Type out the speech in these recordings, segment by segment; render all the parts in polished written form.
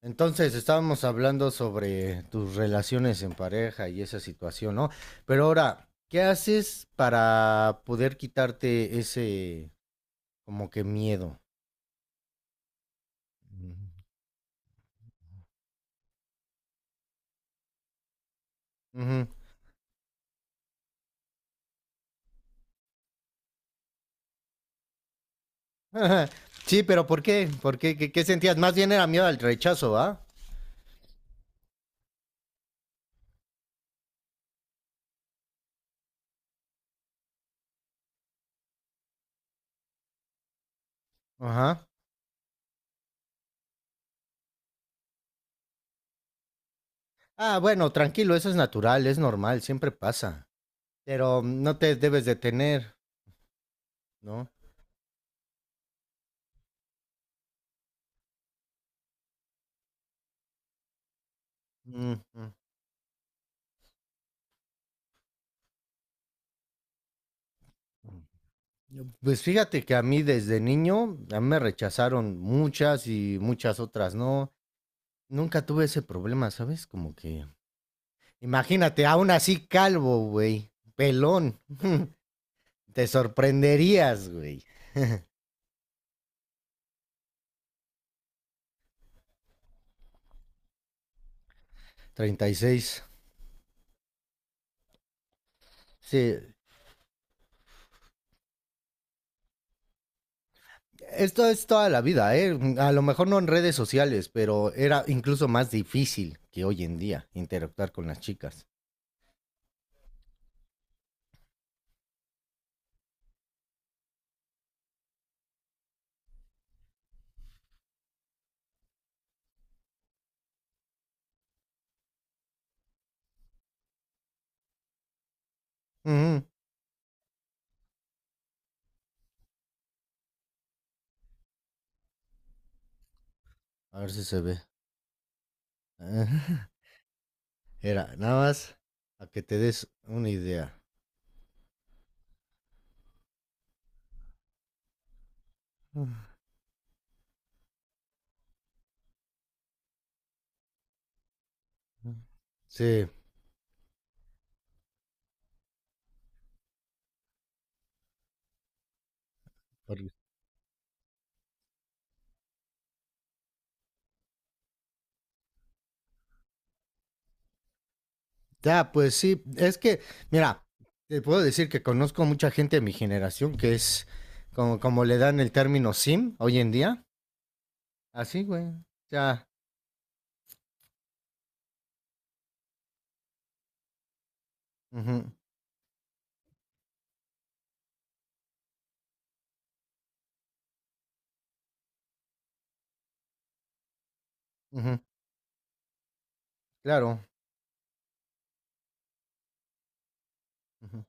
Entonces, estábamos hablando sobre tus relaciones en pareja y esa situación, ¿no? Pero ahora, ¿qué haces para poder quitarte ese como que miedo? Ujú. Sí, pero ¿por qué? ¿Por qué? ¿Qué sentías? Más bien era miedo al rechazo, ¿va? Ajá. Ah, bueno, tranquilo, eso es natural, es normal, siempre pasa. Pero no te debes detener, ¿no? Mm, mm. Pues fíjate que a mí desde niño, a mí me rechazaron muchas y muchas otras no. Nunca tuve ese problema, ¿sabes? Como que, imagínate, aún así calvo, güey, pelón, te sorprenderías, güey. 36. Sí, esto es toda la vida, ¿eh? A lo mejor no en redes sociales, pero era incluso más difícil que hoy en día interactuar con las chicas. Ujú. A ver si se ve. Era nada más a que te des una idea. Sí. horri- Ya, pues sí, mira, te puedo decir que conozco mucha gente de mi generación que es como le dan el término sim hoy en día. Así, güey. Ya. Ujú, ujú, claro. Ujú.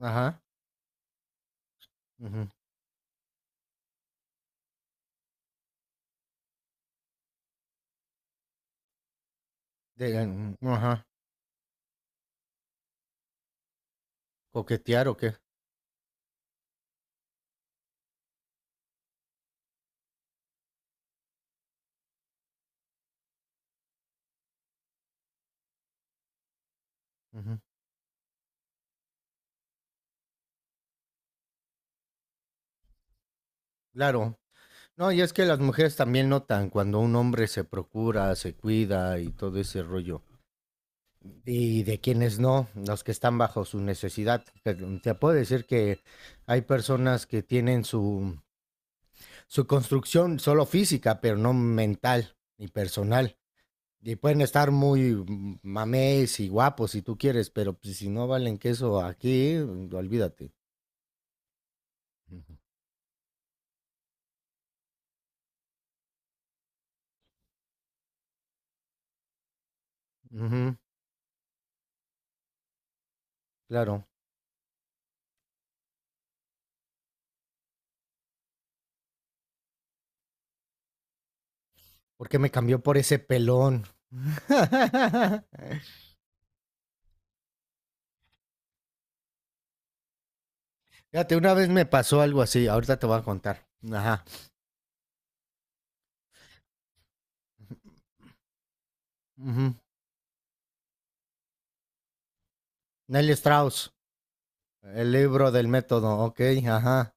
Ajá. Ujú. Ajá. Coquetear o qué. Ujú. Claro. No, y es que las mujeres también notan cuando un hombre se procura, se cuida y todo ese rollo. Y de quienes no, los que están bajo su necesidad. Te puedo decir que hay personas que tienen su construcción solo física, pero no mental ni personal. Y pueden estar muy mames y guapos si tú quieres, pero pues, si no valen queso aquí, olvídate. Ujú, claro. Porque me cambió por ese pelón. Fíjate, una vez me pasó algo así, ahorita te voy a contar. Ajá. Ujú. Nelly Strauss. El libro del método, ok, ajá.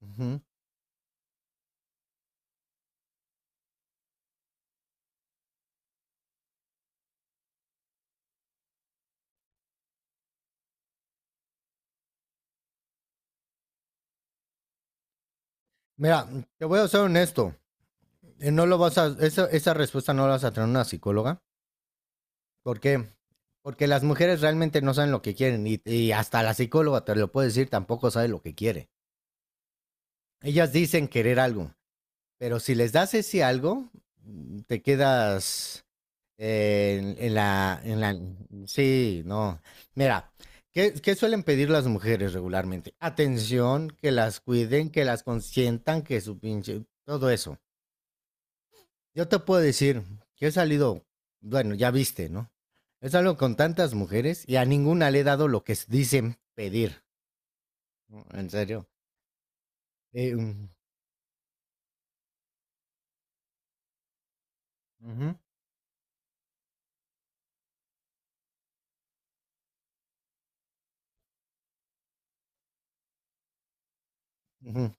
Ujú. Mira, te voy a ser honesto. No lo vas a, esa respuesta no la vas a tener una psicóloga. ¿Por qué? Porque las mujeres realmente no saben lo que quieren y hasta la psicóloga te lo puede decir, tampoco sabe lo que quiere. Ellas dicen querer algo, pero si les das ese algo, te quedas. En la, sí, no. Mira, ¿qué suelen pedir las mujeres regularmente? Atención, que las cuiden, que las consientan, que su pinche, todo eso. Yo te puedo decir que he salido, bueno, ya viste, ¿no? He salido con tantas mujeres y a ninguna le he dado lo que dicen pedir. ¿No? En serio. Eh, mm, ujú, ujú,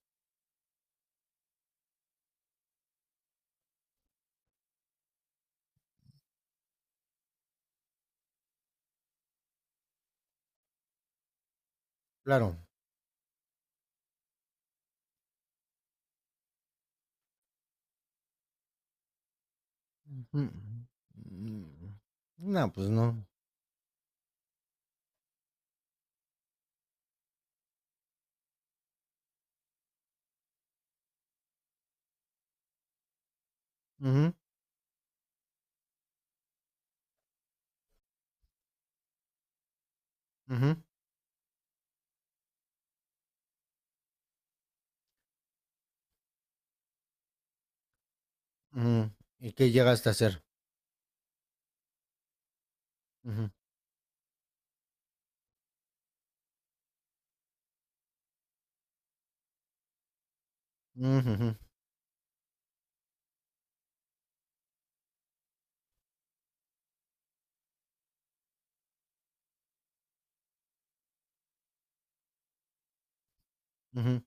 claro. Ujú, mm, no, pues no. Ujú, ujú, ujú. ¿Y qué llegaste a hacer? Ujú. Ujú, ujú, ujú,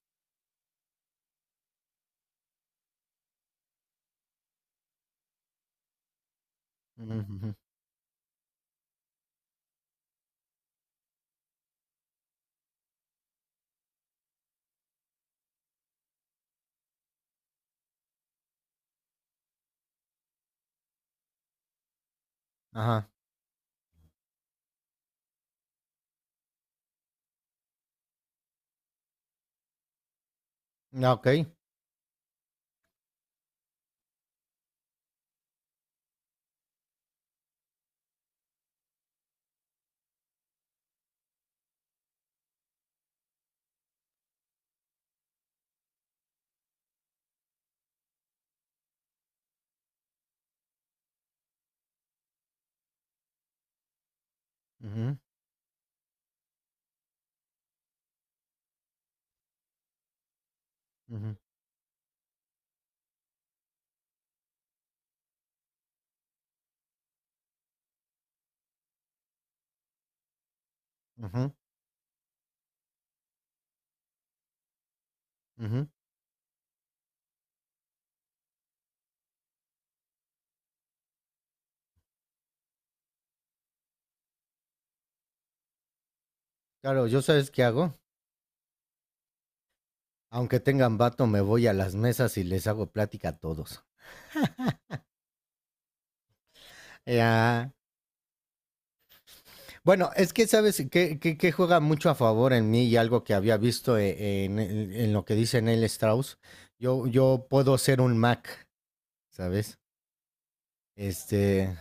ujú, ujú. Ajá. Ah, okey. Ujú, ujú, ujú, ujú. Claro, ¿yo sabes qué hago? Aunque tengan vato, me voy a las mesas y les hago plática a todos. Ya. Bueno, es que, ¿sabes que qué juega mucho a favor en mí? Y algo que había visto en lo que dice Neil Strauss, yo puedo ser un Mac, ¿sabes? Este,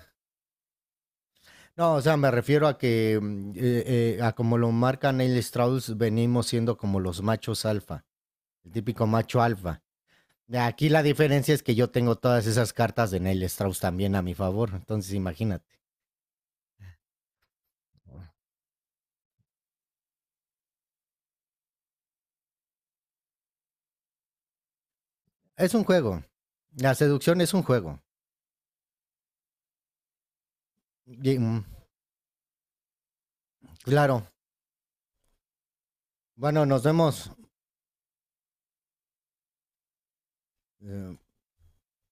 no, o sea, me refiero a que, a como lo marca Neil Strauss, venimos siendo como los machos alfa. El típico macho alfa. Aquí la diferencia es que yo tengo todas esas cartas de Neil Strauss también a mi favor, entonces imagínate. Es un juego. La seducción es un juego. Y, mm, claro. Bueno, nos vemos. Eh,